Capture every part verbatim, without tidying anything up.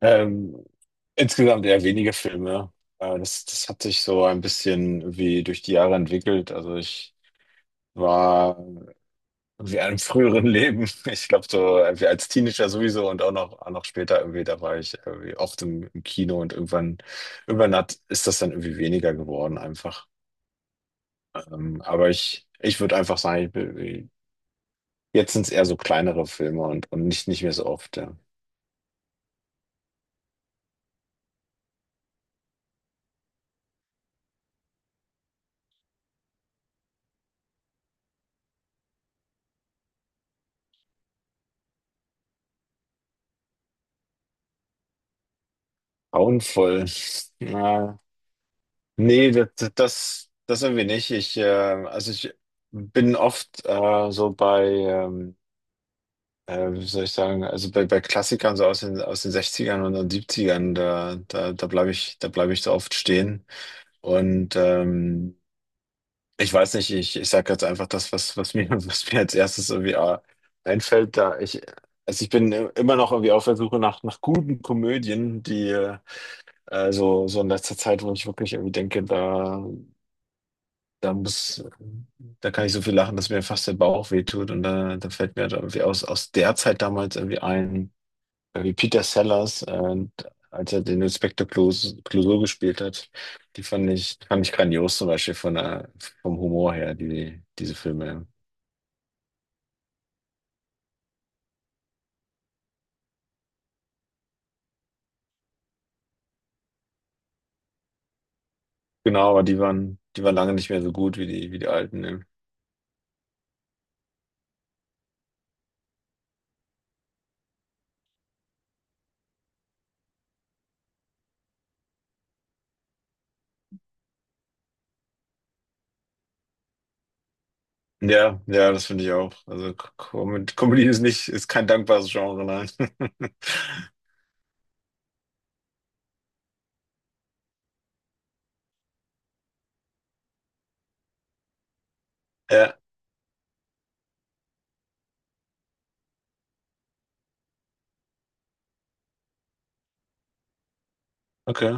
Ähm, insgesamt eher wenige Filme. Äh, das, das hat sich so ein bisschen wie durch die Jahre entwickelt. Also ich war wie einem früheren Leben, ich glaube so äh, wie als Teenager sowieso und auch noch, auch noch später irgendwie, da war ich irgendwie oft im, im Kino und irgendwann, irgendwann hat, ist das dann irgendwie weniger geworden einfach. Ähm, aber ich, ich würde einfach sagen, ich, bin- jetzt sind es eher so kleinere Filme und, und nicht, nicht mehr so oft, ja. Grauenvoll. Nee, das, das, das irgendwie nicht. Ich, äh, also ich bin oft äh, so bei, ähm, äh, wie soll ich sagen, also bei, bei Klassikern so aus den, aus den Sechzigern und den Siebzigern. da, da, da bleibe ich, da bleibe ich so oft stehen. Und ähm, ich weiß nicht, ich, ich sage jetzt einfach das, was, was mir, was mir als erstes irgendwie äh, einfällt, da ich, also ich bin immer noch irgendwie auf der Suche nach, nach guten Komödien, die äh, äh, so, so in letzter Zeit, wo ich wirklich irgendwie denke, da. da muss, da kann ich so viel lachen, dass mir fast der Bauch wehtut. Und da, da fällt mir halt irgendwie aus, aus der Zeit damals irgendwie ein, wie Peter Sellers, äh, als er den Inspektor Clouseau, Clouseau gespielt hat, die fand ich, fand ich grandios zum Beispiel von der, vom Humor her, die, diese Filme. Genau, aber die waren, die waren lange nicht mehr so gut wie die, wie die alten, ne? Ja, ja, das finde ich auch. Also Com- Comedy ist nicht, ist kein dankbares Genre, nein. Ja, okay.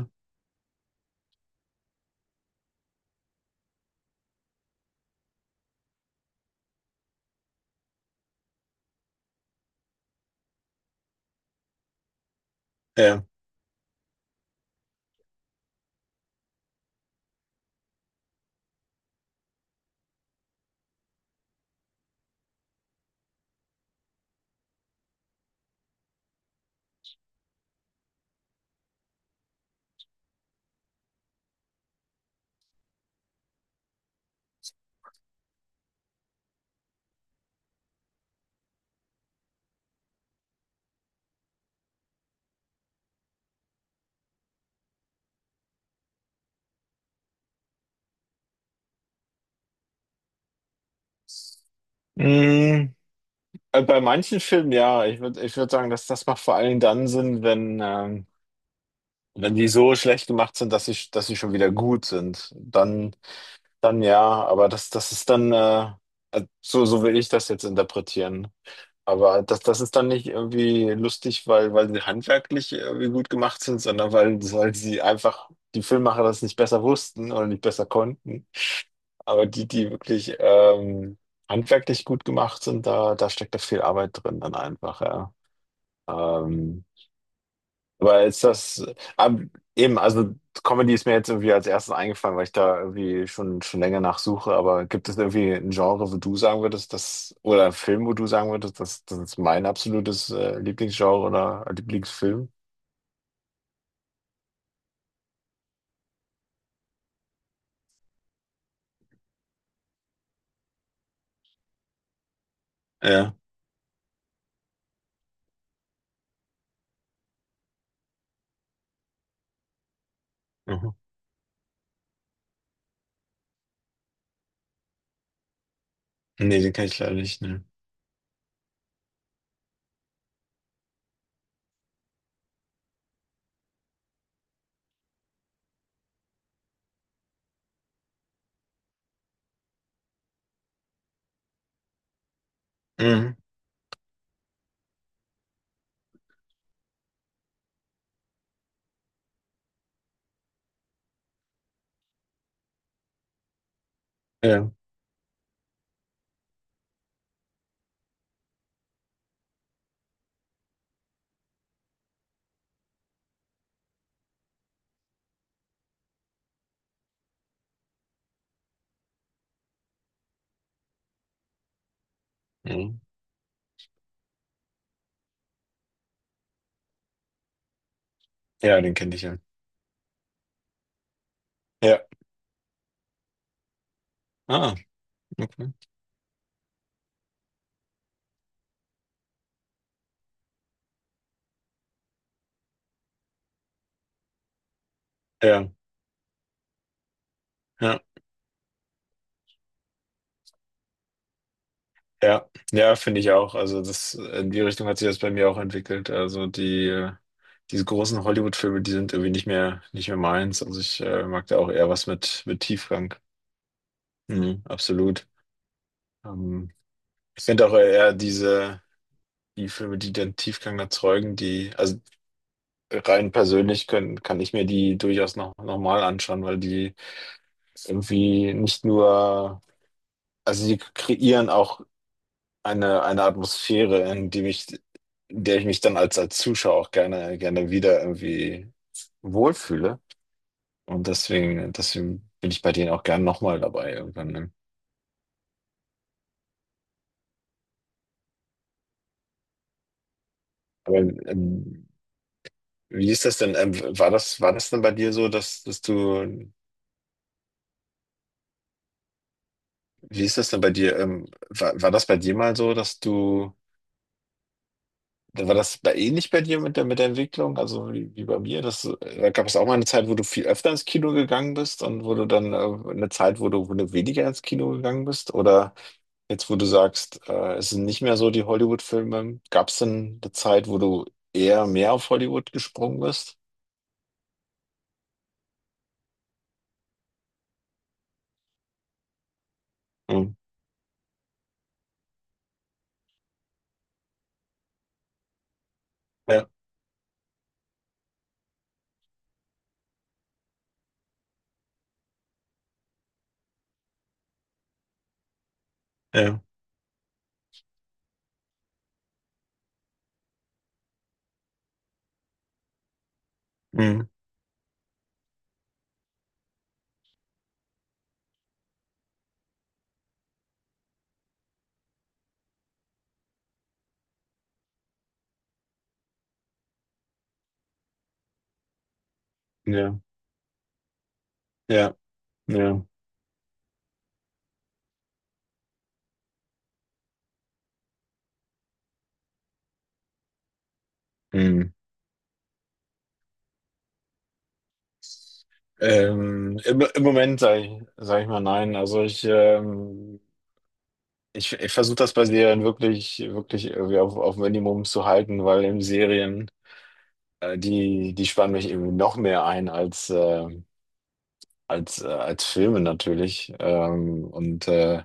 Ja. Mm. Äh, Bei manchen Filmen ja. Ich würde ich würd sagen, dass das macht vor allen Dingen dann Sinn, wenn, ähm, wenn die so schlecht gemacht sind, dass sie, dass sie schon wieder gut sind. Dann, dann ja, aber das, das ist dann, äh, äh, so, so will ich das jetzt interpretieren. Aber das, das ist dann nicht irgendwie lustig, weil, weil sie handwerklich irgendwie gut gemacht sind, sondern weil, weil sie einfach die Filmemacher das nicht besser wussten oder nicht besser konnten. Aber die, die wirklich ähm, handwerklich gut gemacht sind, da, da steckt da viel Arbeit drin dann einfach, ja. Ähm, aber ist das, ab- eben, also Comedy ist mir jetzt irgendwie als erstes eingefallen, weil ich da irgendwie schon, schon länger nachsuche. Aber gibt es irgendwie ein Genre, wo du sagen würdest, das, oder einen Film, wo du sagen würdest, das, das ist mein absolutes äh, Lieblingsgenre oder Lieblingsfilm? Ja. Mhm. Nee, den kenne ich leider nicht. Ne. Mhm. Ja. Mhm. Ja, den kenne ich ja. Ja. Ah, okay. Ja. Ja. Ja, ja, finde ich auch. Also das, in die Richtung hat sich das bei mir auch entwickelt. Also die, äh, diese großen Hollywood-Filme, die sind irgendwie nicht mehr, nicht mehr meins. Also ich äh, mag da auch eher was mit, mit Tiefgang. Mhm, absolut. Ähm, Ich finde auch eher diese, die Filme, die dann Tiefgang erzeugen, die, also rein persönlich können, kann ich mir die durchaus noch, noch mal anschauen, weil die irgendwie nicht nur, also die kreieren auch eine, eine Atmosphäre, in die mich, in der ich mich dann als, als Zuschauer auch gerne, gerne wieder irgendwie wohlfühle. Und deswegen, deswegen bin ich bei denen auch gern nochmal dabei irgendwann. Ne? Aber ähm, wie ist das denn? Ähm, war das, war das denn bei dir so, dass, dass du, Wie ist das denn bei dir? Ähm, war, war das bei dir mal so, dass du war das bei ähnlich bei dir mit der, mit der Entwicklung, also wie, wie bei mir? Das, äh, da gab es auch mal eine Zeit, wo du viel öfter ins Kino gegangen bist und wo du dann äh, eine Zeit, wo du, wo du weniger ins Kino gegangen bist? Oder jetzt, wo du sagst, äh, es sind nicht mehr so die Hollywood-Filme, gab es denn eine Zeit, wo du eher mehr auf Hollywood gesprungen bist? Hm. Ja, ja, hm. Ja, ja, ja. Hm. Ähm, im, im Moment sage ich, sag ich mal nein. Also ich ähm, ich, ich versuche das bei Serien wirklich, wirklich irgendwie auf, auf Minimum zu halten, weil in Serien, äh, die, die spannen mich irgendwie noch mehr ein als, äh, als, äh, als Filme natürlich. Ähm, und äh,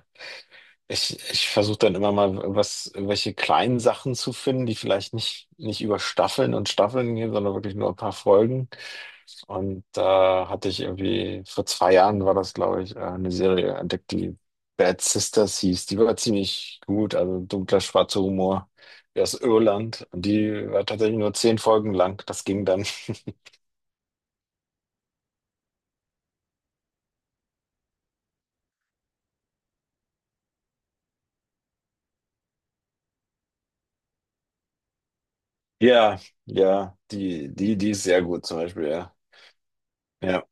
ich, ich versuche dann immer mal was, welche kleinen Sachen zu finden, die vielleicht nicht, nicht über Staffeln und Staffeln gehen, sondern wirklich nur ein paar Folgen. Und da hatte ich irgendwie, vor zwei Jahren war das, glaube ich, äh, eine Serie entdeckt, die Bad Sisters hieß. Die war ziemlich gut, also dunkler, schwarzer Humor. Die aus Irland. Und die war tatsächlich nur zehn Folgen lang. Das ging dann. Ja, ja, die, die, die ist sehr gut zum Beispiel, ja. Ja,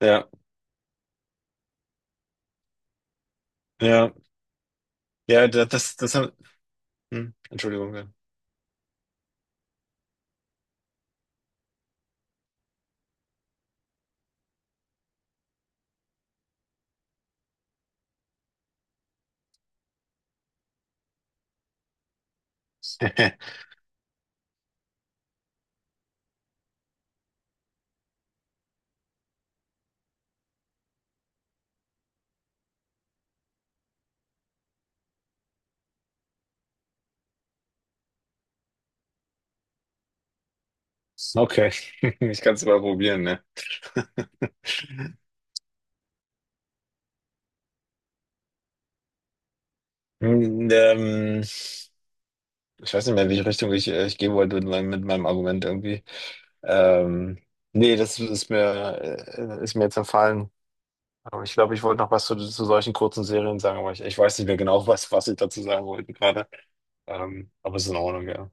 ja, ja, ja, da- das, das, haben. hm, Entschuldigung. Ja. Okay, ich kann es mal probieren, ne? Hm, Ähm, Ich weiß nicht mehr, in welche Richtung ich, äh, ich gehen wollte mit meinem, mit meinem Argument irgendwie. Ähm, Nee, das ist mir, äh, ist mir jetzt entfallen. Aber ich glaube, ich wollte noch was zu, zu solchen kurzen Serien sagen, aber ich, ich weiß nicht mehr genau, was, was ich dazu sagen wollte gerade. Ähm, aber es ist in Ordnung, ja.